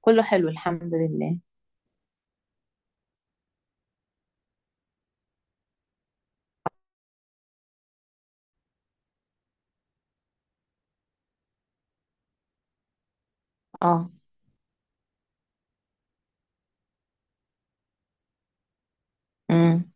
كله حلو الحمد لله. اه. امم.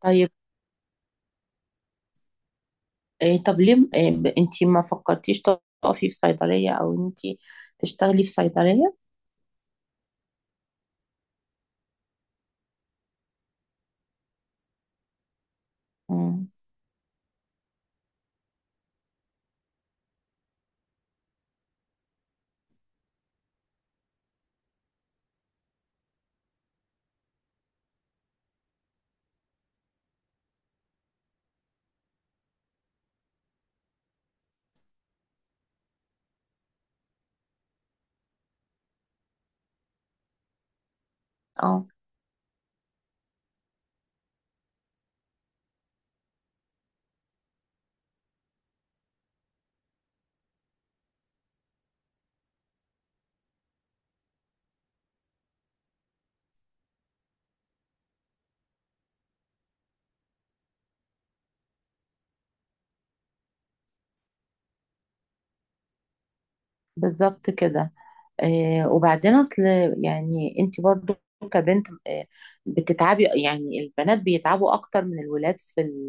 طيب. إيه طب ليه إيه انتي ما فكرتيش تقفي في صيدلية او انتي تشتغلي في صيدلية؟ امم. اه. بالظبط كده. إيه وبعدين اصل يعني انتي برضو كبنت إيه بتتعبي، يعني البنات بيتعبوا اكتر من الولاد في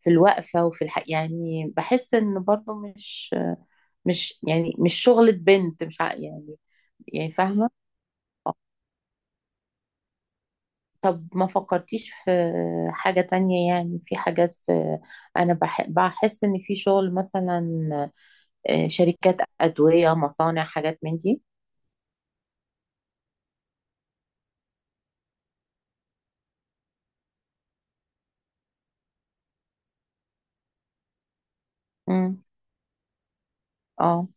في الوقفة وفي يعني بحس ان برضو مش يعني مش شغلة بنت، مش ع- يعني يعني فاهمة. طب ما فكرتيش في حاجة تانية، يعني في حاجات في، أنا بحس إن في شغل، مثلا شركات أدوية مصانع حاجات من دي. مم. اه.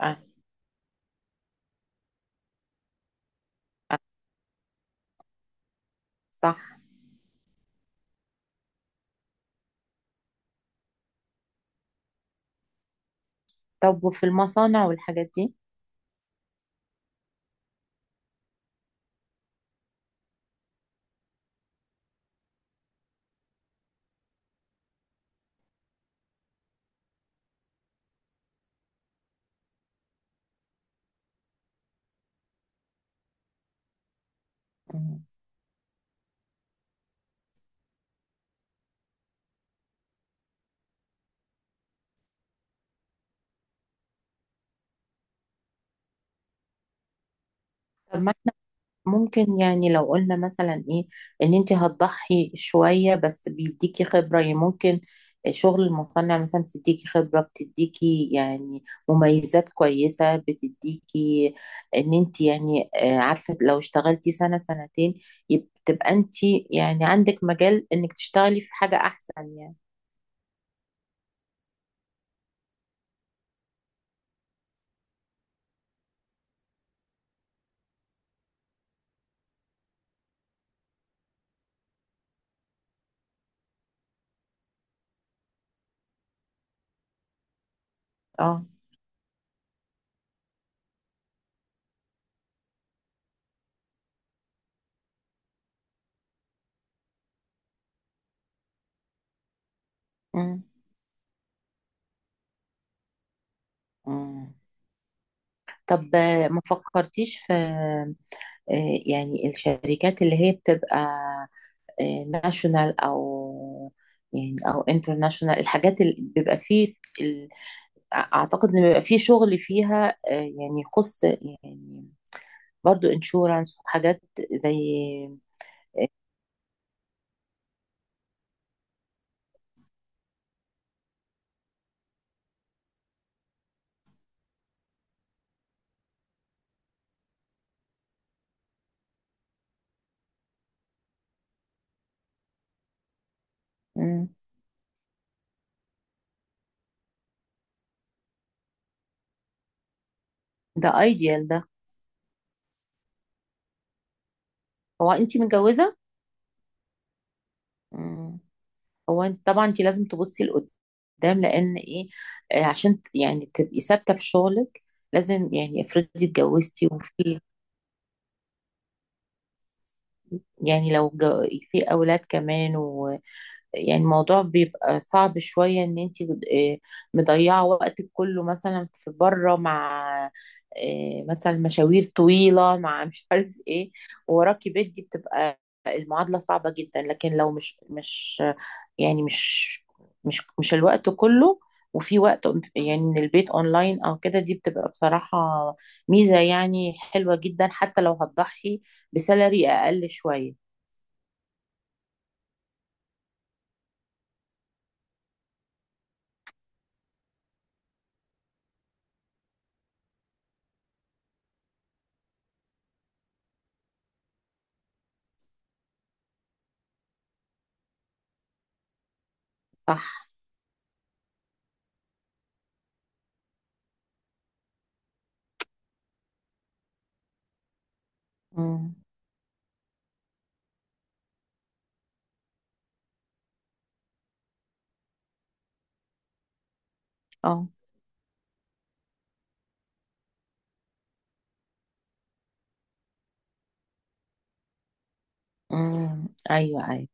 آه. آه. صح. طب وفي المصانع والحاجات دي؟ مم. طب ممكن يعني لو قلنا مثلا ايه ان انت هتضحي شوية بس بيديكي خبرة، يعني ممكن شغل المصنع مثلا بتديكي خبرة، بتديكي يعني مميزات كويسة، بتديكي ان انت، يعني عارفة لو اشتغلتي سنة سنتين، تبقى انت يعني عندك مجال انك تشتغلي في حاجة احسن يعني. اه. مم. مم. طب ما فكرتيش في يعني الشركات اللي هي بتبقى ناشونال او انترناشونال، الحاجات اللي بيبقى فيه ال- اعتقد ان بيبقى فيه شغل فيها، يعني يخص يعني برضو انشورانس وحاجات زي. مم. ده ايديال ده. هو انت متجوزة؟ مم. هو انت طبعا انت لازم تبصي لقدام لان ايه، عشان يعني تبقي ثابتة في شغلك، لازم يعني افرضي اتجوزتي وفي، يعني لو في اولاد كمان، يعني الموضوع بيبقى صعب شوية ان انت مضيعة وقتك كله مثلا في بره مع مثلا مشاوير طويلة مع مش عارف ايه وراكي بيت، دي بتبقى المعادلة صعبة جدا، لكن لو يعني مش مش الوقت كله، وفي وقت يعني من البيت اونلاين او كده، دي بتبقى بصراحة ميزة يعني حلوة جدا حتى لو هتضحي بسالري اقل شوية. صح. مم. اه. امم. ايوه، ايوه.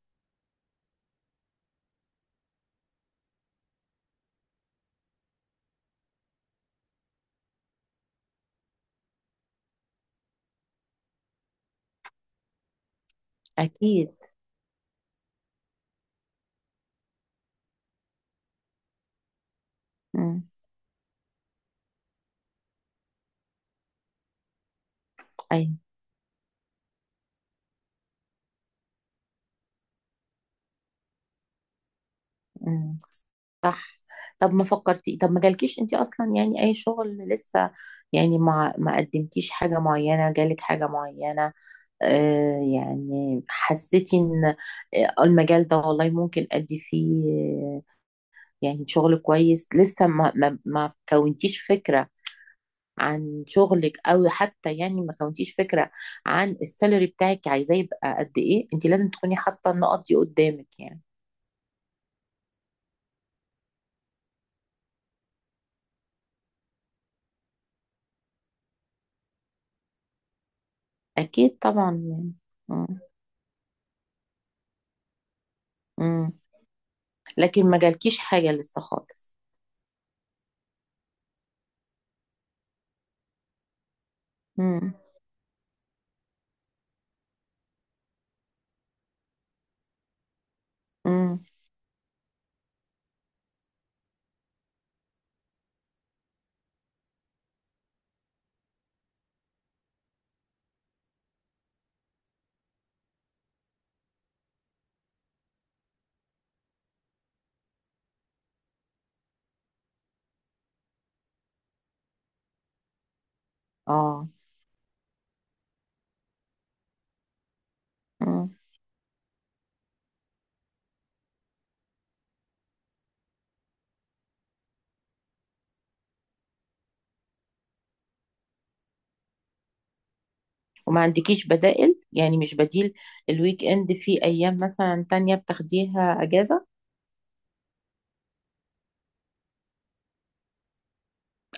اكيد. امم. ايوه. امم. صح. طب ما جالكيش انت اصلا يعني اي شغل لسه، يعني ما قدمتيش حاجه معينه، جالك حاجه معينه يعني حسيتي ان المجال ده والله ممكن ادي فيه، يعني شغل كويس لسه ما كونتيش فكره عن شغلك، او حتى يعني ما كونتيش فكره عن السالري بتاعك عايزاه يبقى قد ايه؟ انت لازم تكوني حاطه النقط دي قدامك يعني. اكيد طبعا يعني. مم. مم. لكن ما جالكيش حاجه لسه خالص. مم. مم. اه. مم. وما عندكيش بدائل، يعني مش بديل الويك اند في ايام مثلا تانية بتاخديها اجازه؟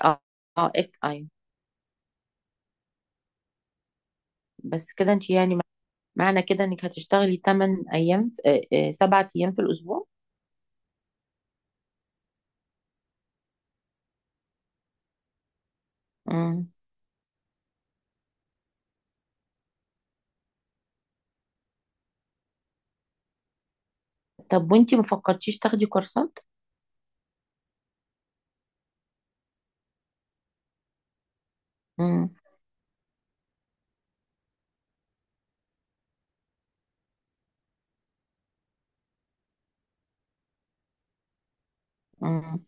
اه. اه. ايوه. بس كده انت، يعني معنى كده انك هتشتغلي 8 ايام، سبعة ايام في الاسبوع. مم. طب وانتي ما فكرتيش تاخدي كورسات؟ مم. مم.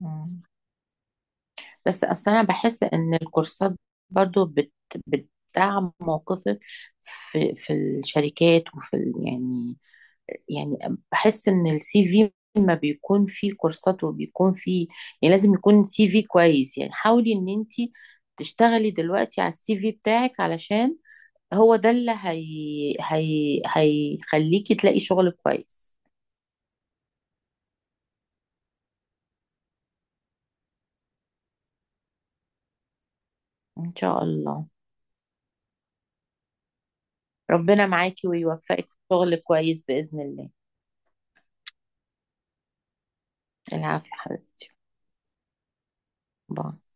مم. بس اصل انا بحس ان الكورسات برضو بتدعم موقفك في الشركات وفي يعني بحس ان السي في ما بيكون فيه كورسات وبيكون فيه، يعني لازم يكون سي في كويس، يعني حاولي ان انتي تشتغلي دلوقتي على السي في بتاعك علشان هو ده اللي هيخليكي تلاقي شغل كويس. ان شاء الله. ربنا معاكي ويوفقك في شغل كويس بإذن الله. العافية حبيبتي. باي.